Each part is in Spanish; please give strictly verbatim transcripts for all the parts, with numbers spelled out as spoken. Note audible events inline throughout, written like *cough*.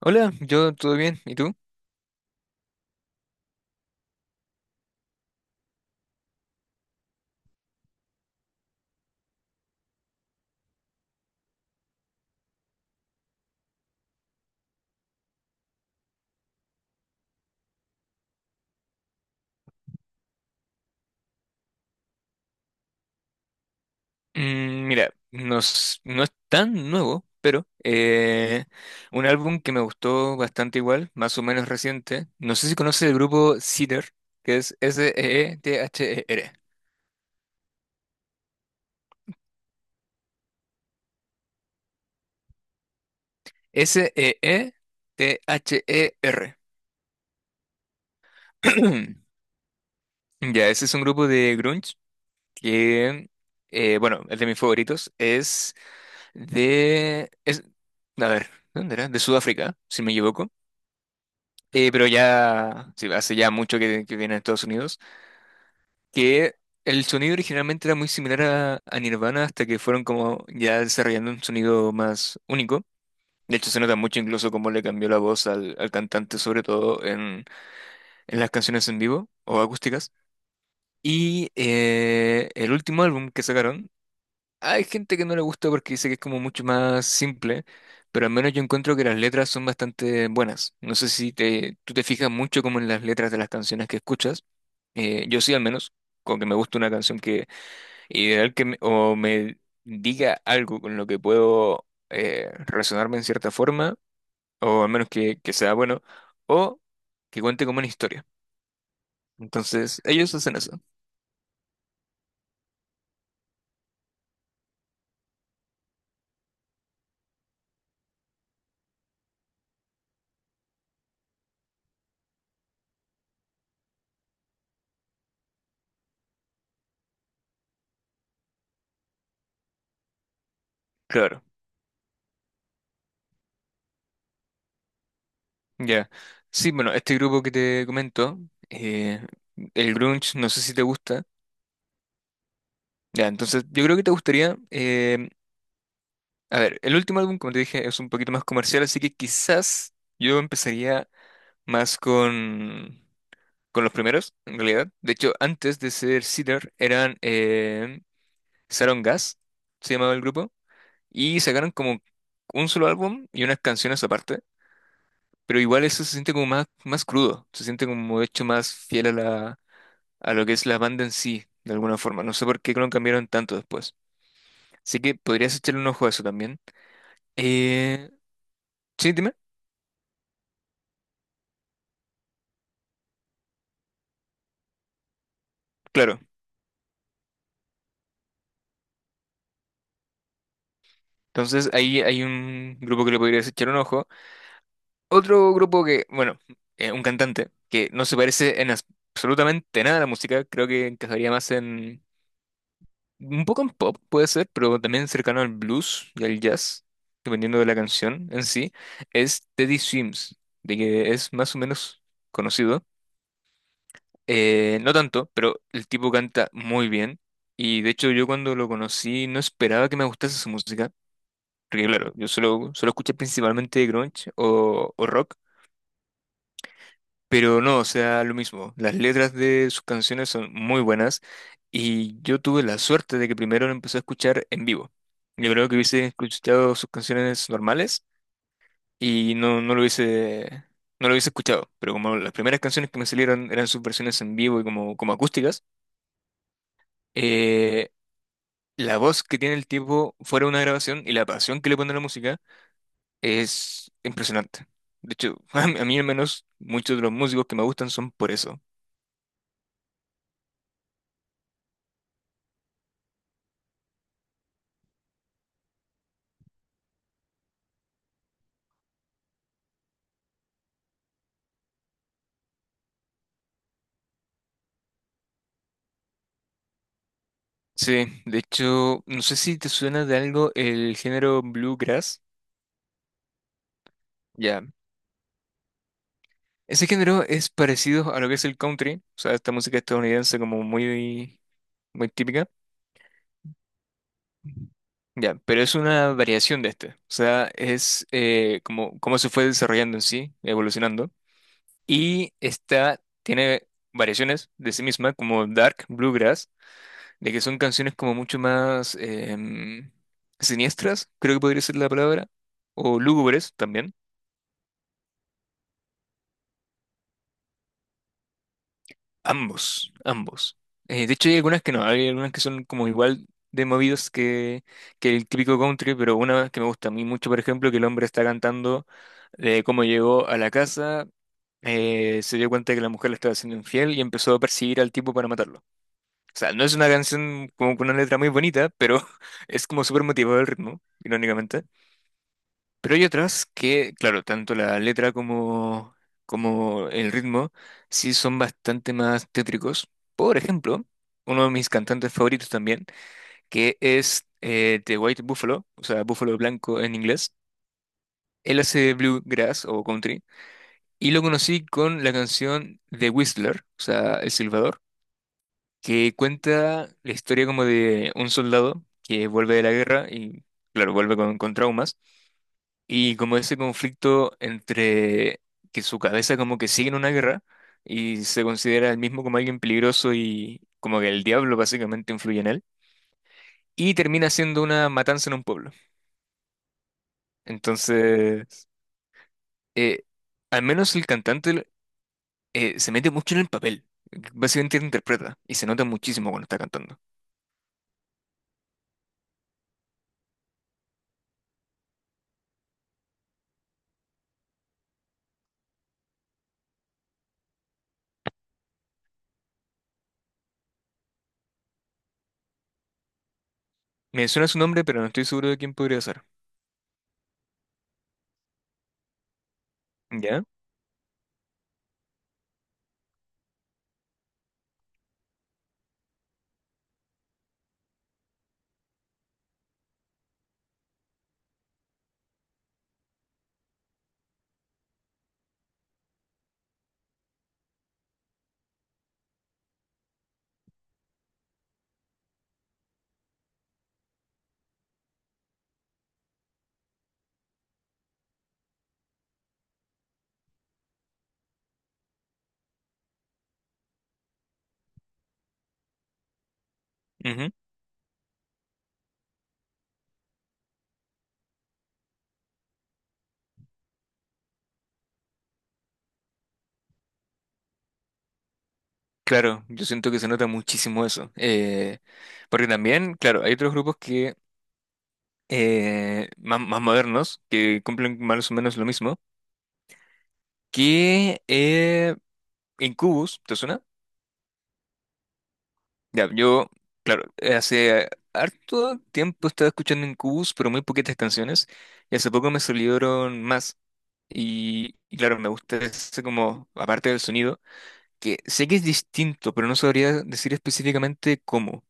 Hola, yo todo bien, ¿y tú? Mm, mira, no es, no es tan nuevo, pero eh, un álbum que me gustó bastante igual, más o menos reciente. No sé si conoces el grupo Seether, que es S-E-E-T-H-E-R. S-E-E-T-H-E-R. *clears throat* Ya, ese es un grupo de grunge que, eh, bueno, es de mis favoritos. Es de... Es, a ver, ¿dónde era? De Sudáfrica, si no me equivoco. eh, pero ya sí, hace ya mucho que, que viene a Estados Unidos, que el sonido originalmente era muy similar a, a Nirvana hasta que fueron como ya desarrollando un sonido más único. De hecho, se nota mucho incluso cómo le cambió la voz al, al cantante, sobre todo en, en las canciones en vivo o acústicas. Y eh, el último álbum que sacaron, hay gente que no le gusta porque dice que es como mucho más simple, pero al menos yo encuentro que las letras son bastante buenas. No sé si te, tú te fijas mucho como en las letras de las canciones que escuchas. Eh, yo sí al menos, con que me gusta una canción que ideal que me- o me diga algo con lo que puedo eh, relacionarme en cierta forma, o al menos que, que sea bueno, o que cuente como una historia. Entonces, ellos hacen eso. Claro. Ya. Sí, bueno, este grupo que te comento, eh, el grunge, no sé si te gusta. Ya, entonces yo creo que te gustaría. eh, a ver, el último álbum, como te dije, es un poquito más comercial, así que quizás yo empezaría más con, con los primeros, en realidad. De hecho, antes de ser Cedar, eran eh, Saron Gas, se llamaba el grupo, y sacaron como un solo álbum y unas canciones aparte. Pero igual eso se siente como más, más crudo, se siente como hecho más fiel a la, a lo que es la banda en sí, de alguna forma. No sé por qué lo cambiaron tanto después. Así que podrías echarle un ojo a eso también. Eh, sí, dime. Claro. Entonces ahí hay un grupo que le podrías echar un ojo. Otro grupo que, bueno, eh, un cantante que no se parece en as- absolutamente nada a la música. Creo que encajaría más en... Un poco en pop puede ser, pero también cercano al blues y al jazz, dependiendo de la canción en sí, es Teddy Swims, de que es más o menos conocido. Eh, no tanto, pero el tipo canta muy bien. Y de hecho yo cuando lo conocí no esperaba que me gustase su música. Porque claro, yo solo, solo escuché principalmente grunge o, o rock. Pero no, o sea, lo mismo. Las letras de sus canciones son muy buenas. Y yo tuve la suerte de que primero lo empecé a escuchar en vivo. Yo creo que hubiese escuchado sus canciones normales y no, no lo hubiese, no lo hubiese escuchado. Pero como las primeras canciones que me salieron eran sus versiones en vivo y como, como acústicas. Eh, La voz que tiene el tipo fuera de una grabación y la pasión que le pone a la música es impresionante. De hecho, *laughs* a mí, a mí al menos muchos de los músicos que me gustan son por eso. Sí, de hecho, no sé si te suena de algo el género bluegrass. Ya. Ese género es parecido a lo que es el country, o sea, esta música estadounidense como muy, muy típica. Ya, pero es una variación de este. O sea, es eh, como, como se fue desarrollando en sí, evolucionando. Y esta tiene variaciones de sí misma, como Dark, Bluegrass, de que son canciones como mucho más em, siniestras, creo que podría ser la palabra, o lúgubres también. Ambos, ambos. Eh, de hecho, hay algunas que no, hay algunas que son como igual de movidas que, que el típico country, pero una que me gusta a mí mucho, por ejemplo, que el hombre está cantando de cómo llegó a la casa, eh, se dio cuenta de que la mujer le estaba siendo infiel y empezó a perseguir al tipo para matarlo. O sea, no es una canción como con una letra muy bonita, pero *laughs* es como súper motivado el ritmo, irónicamente. Pero hay otras que, claro, tanto la letra como, como el ritmo sí son bastante más tétricos. Por ejemplo, uno de mis cantantes favoritos también, que es eh, The White Buffalo, o sea, Búfalo Blanco en inglés. Él hace bluegrass o country y lo conocí con la canción The Whistler, o sea, El Silbador, que cuenta la historia como de un soldado que vuelve de la guerra y, claro, vuelve con, con traumas, y como ese conflicto entre que su cabeza como que sigue en una guerra y se considera el mismo como alguien peligroso y como que el diablo básicamente influye en él, y termina siendo una matanza en un pueblo. Entonces, eh, al menos el cantante eh, se mete mucho en el papel. Básicamente lo interpreta y se nota muchísimo cuando está cantando. Me suena su nombre, pero no estoy seguro de quién podría ser. ¿Ya? Ujú. Claro, yo siento que se nota muchísimo eso. Eh, porque también, claro, hay otros grupos que eh, más, más modernos, que cumplen más o menos lo mismo, que eh, Incubus, ¿te suena? Ya, yo, claro, eh, hace harto tiempo estaba escuchando Incubus, pero muy poquitas canciones, y hace poco me salieron más. Y, y claro, me gusta ese como, aparte del sonido, que sé que es distinto, pero no sabría decir específicamente cómo.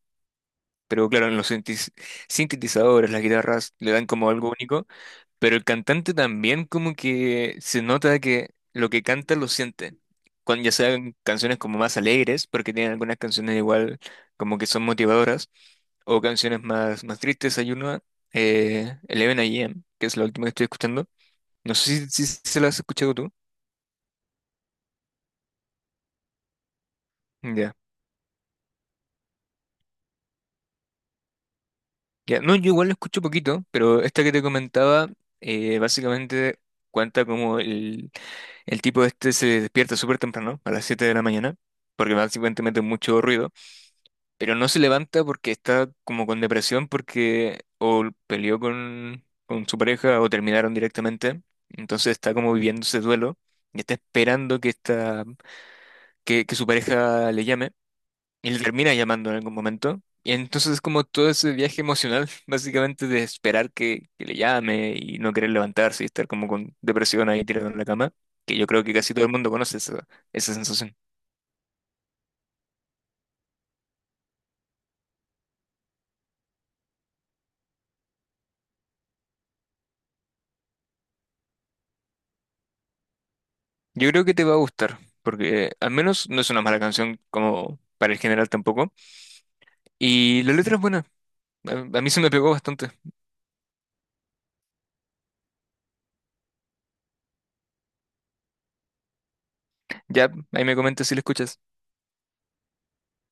Pero claro, en los sintis- sintetizadores, las guitarras le dan como algo único, pero el cantante también como que se nota que lo que canta lo siente. Cuando ya sean canciones como más alegres, porque tienen algunas canciones igual como que son motivadoras, o canciones más, más tristes, hay una, eh, once a m, que es la última que estoy escuchando. No sé si, si se la has escuchado tú. Ya, ya. No, yo igual lo escucho poquito, pero esta que te comentaba eh, básicamente cuenta como el, El tipo este se despierta súper temprano, a las siete de la mañana, porque básicamente mucho ruido, pero no se levanta porque está como con depresión, porque o peleó con, con su pareja o terminaron directamente. Entonces está como viviendo ese duelo y está esperando que, esta, que, que su pareja le llame. Y le termina llamando en algún momento. Y entonces es como todo ese viaje emocional, *laughs* básicamente de esperar que, que le llame y no querer levantarse y estar como con depresión ahí tirado en la cama, que yo creo que casi todo el mundo conoce esa, esa sensación. Yo creo que te va a gustar, porque eh, al menos no es una mala canción como para el general tampoco. Y la letra es buena, a, a mí se me pegó bastante. Ya, ahí me comentas si la escuchas.